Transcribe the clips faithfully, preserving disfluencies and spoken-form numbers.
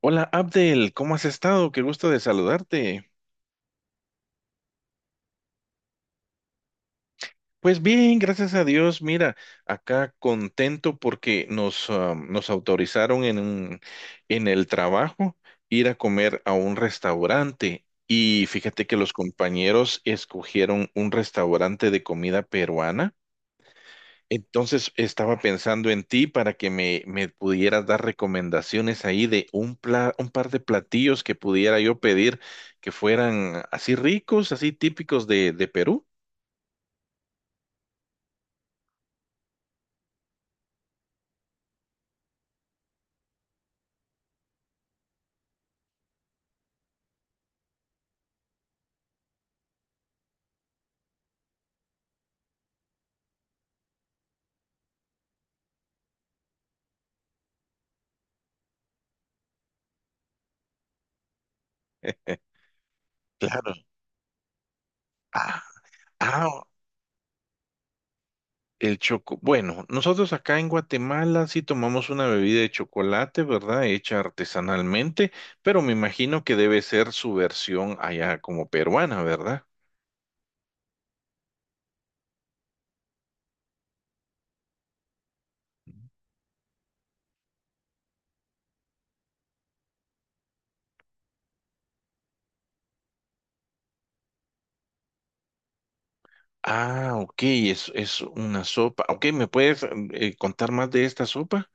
Hola Abdel, ¿cómo has estado? Qué gusto de saludarte. Pues bien, gracias a Dios. Mira, acá contento porque nos, ah, nos autorizaron en un- en el trabajo ir a comer a un restaurante. Y fíjate que los compañeros escogieron un restaurante de comida peruana. Entonces estaba pensando en ti para que me, me pudieras dar recomendaciones ahí de un, pla- un par de platillos que pudiera yo pedir que fueran así ricos, así típicos de, de Perú. Claro. Ah, ah, el choco. Bueno, nosotros acá en Guatemala sí tomamos una bebida de chocolate, ¿verdad? Hecha artesanalmente, pero me imagino que debe ser su versión allá como peruana, ¿verdad? Ah, ok, es, es una sopa. Ok, ¿me puedes mm, eh, contar más de esta sopa?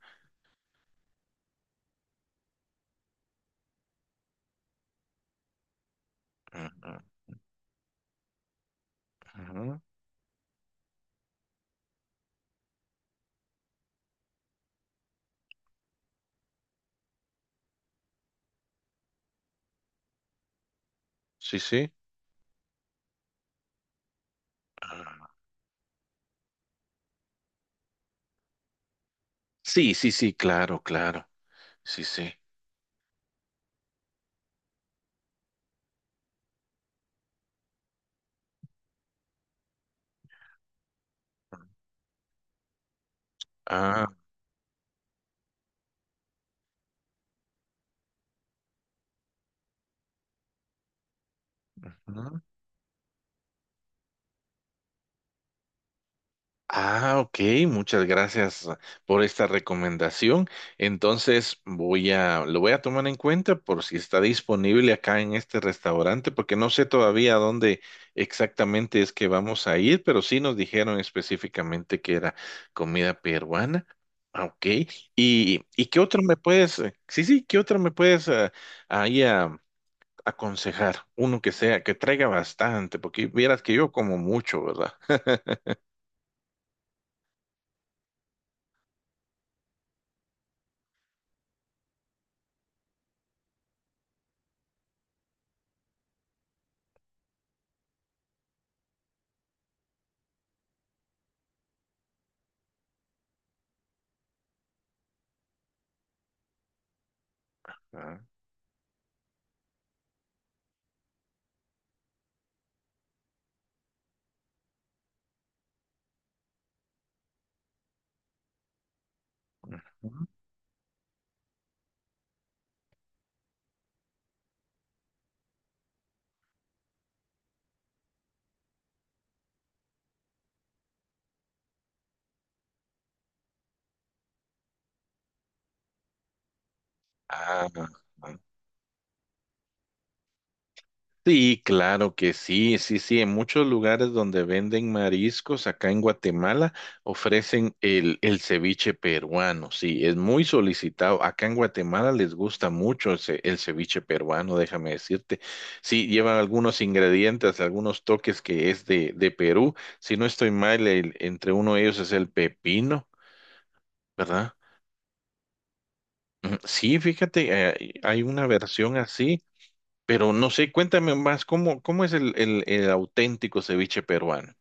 Ajá, ajá. Sí, sí. Ah. Sí, sí, sí, claro, claro. Sí, sí. Ah. Ah, ok, muchas gracias por esta recomendación. Entonces voy a, lo voy a tomar en cuenta por si está disponible acá en este restaurante, porque no sé todavía a dónde exactamente es que vamos a ir, pero sí nos dijeron específicamente que era comida peruana. Ah, ok, ¿y, ¿y qué otro me puedes, eh, sí, sí, qué otro me puedes eh, ahí ah, aconsejar? Uno que sea, que traiga bastante, porque vieras que yo como mucho, ¿verdad? Ah, ujú. Ah, ah. Sí, claro que sí, sí, sí. En muchos lugares donde venden mariscos, acá en Guatemala, ofrecen el, el ceviche peruano. Sí, es muy solicitado. Acá en Guatemala les gusta mucho el, ce- el ceviche peruano, déjame decirte. Sí, lleva algunos ingredientes, algunos toques que es de, de Perú. Si no estoy mal, el- entre uno de ellos es el pepino, ¿verdad? Mm, sí, fíjate, eh, hay una versión así. Pero no sé, cuéntame más, ¿cómo, cómo es el, el, el auténtico ceviche peruano?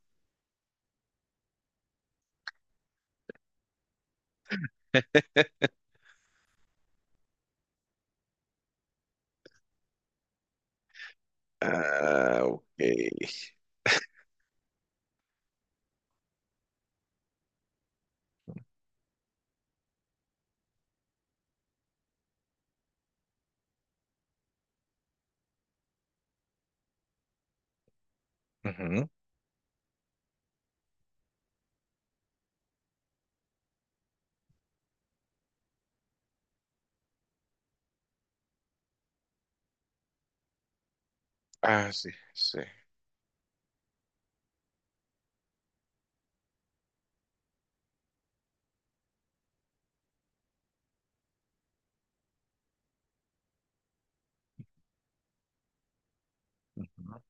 Ah, ok. Ujú. Ah, sí, sí. Ujú.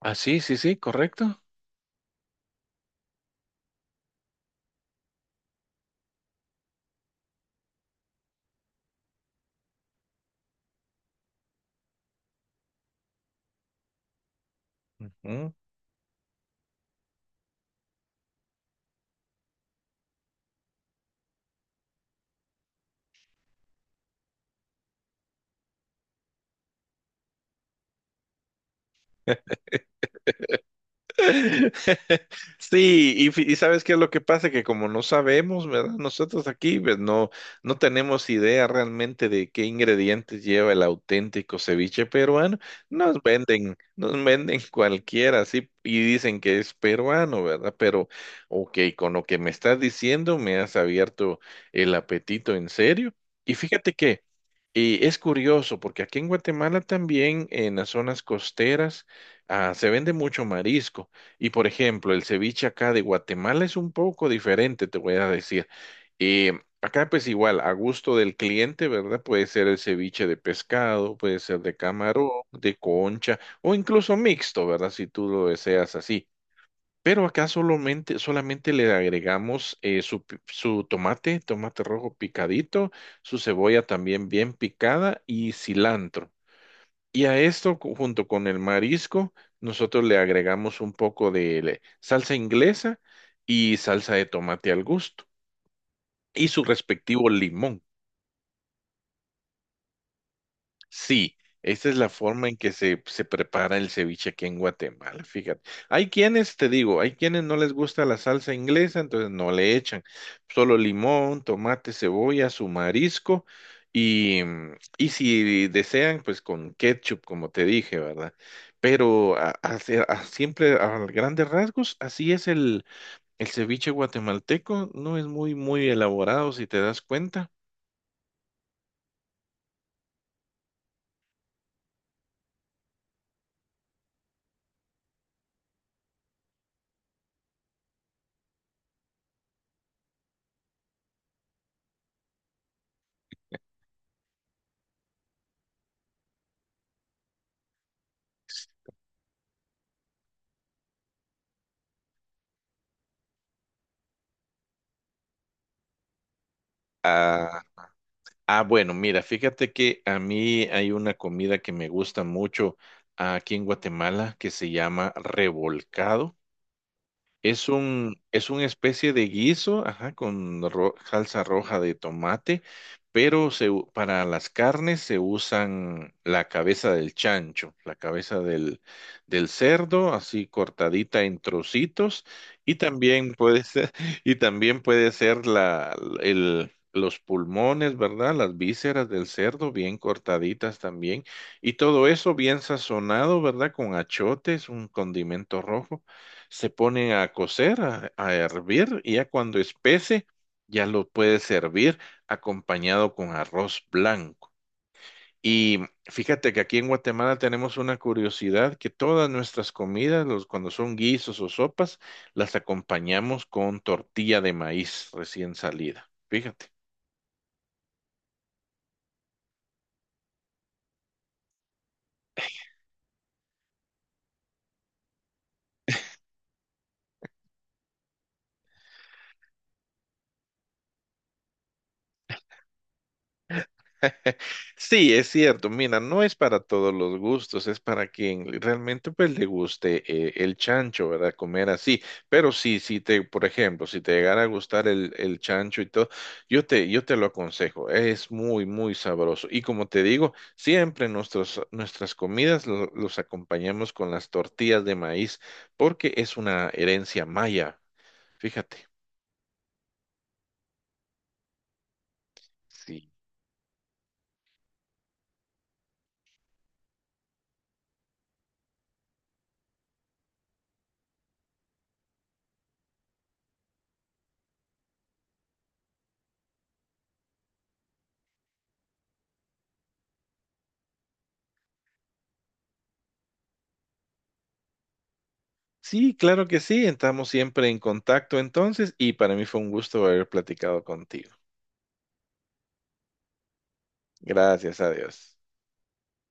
Ah, sí, sí, sí, correcto. Ujú. Sí, y, fi- y sabes qué es lo que pasa, que como no sabemos, ¿verdad? Nosotros aquí pues, no, no tenemos idea realmente de qué ingredientes lleva el auténtico ceviche peruano. Nos venden, nos venden cualquiera, sí, y dicen que es peruano, ¿verdad? Pero, ok, con lo que me estás diciendo, me has abierto el apetito en serio. Y fíjate que eh, es curioso, porque aquí en Guatemala también, en las zonas costeras, ah, se vende mucho marisco. Y por ejemplo, el ceviche acá de Guatemala es un poco diferente, te voy a decir. Eh, acá pues igual, a gusto del cliente, ¿verdad? Puede ser el ceviche de pescado, puede ser de camarón, de concha o incluso mixto, ¿verdad? Si tú lo deseas así. Pero acá solamente, solamente le agregamos eh, su, pi- su tomate, tomate rojo picadito, su cebolla también bien picada y cilantro. Y a esto, cu- junto con el marisco, nosotros le agregamos un poco de le- salsa inglesa y salsa de tomate al gusto y su respectivo limón. Sí, esa es la forma en que se, se prepara el ceviche aquí en Guatemala, fíjate. Hay quienes, te digo, hay quienes no les gusta la salsa inglesa, entonces no le echan solo limón, tomate, cebolla, su marisco y, mm, y si desean, pues con ketchup, como te dije, ¿verdad? Pero a- a- a- siempre a grandes rasgos, así es el, el ceviche guatemalteco, no es muy, muy elaborado, si te das cuenta. Ah. Ah, bueno, mira, fíjate que a mí hay una comida que me gusta mucho aquí en Guatemala que se llama revolcado. Es un, es una especie de guiso, ajá, con ro- salsa roja de tomate, pero se u- para las carnes se usan la cabeza del chancho, la cabeza del, del cerdo, así cortadita en trocitos, y también puede ser, y también puede ser la, el, los pulmones, ¿verdad? Las vísceras del cerdo, bien cortaditas también, y todo eso bien sazonado, ¿verdad? Con achotes, un condimento rojo, se ponen a cocer, a, a hervir, y ya cuando espese, ya lo puedes servir acompañado con arroz blanco. Y fíjate que aquí en Guatemala tenemos una curiosidad que todas nuestras comidas, los, cuando son guisos o sopas, las acompañamos con tortilla de maíz recién salida. Fíjate. Sí, es cierto. Mira, no es para todos los gustos, es para quien realmente pues le guste eh, el chancho, ¿verdad? Comer así. Pero sí, si te, por ejemplo, si te llegara a gustar el, el chancho y todo, yo te, yo te lo aconsejo. Es muy, muy sabroso. Y como te digo, siempre nuestros, nuestras comidas lo- los acompañamos con las tortillas de maíz, porque es una herencia maya. Fíjate. Sí, claro que sí, estamos siempre en contacto entonces y para mí fue un gusto haber platicado contigo. Gracias a Dios.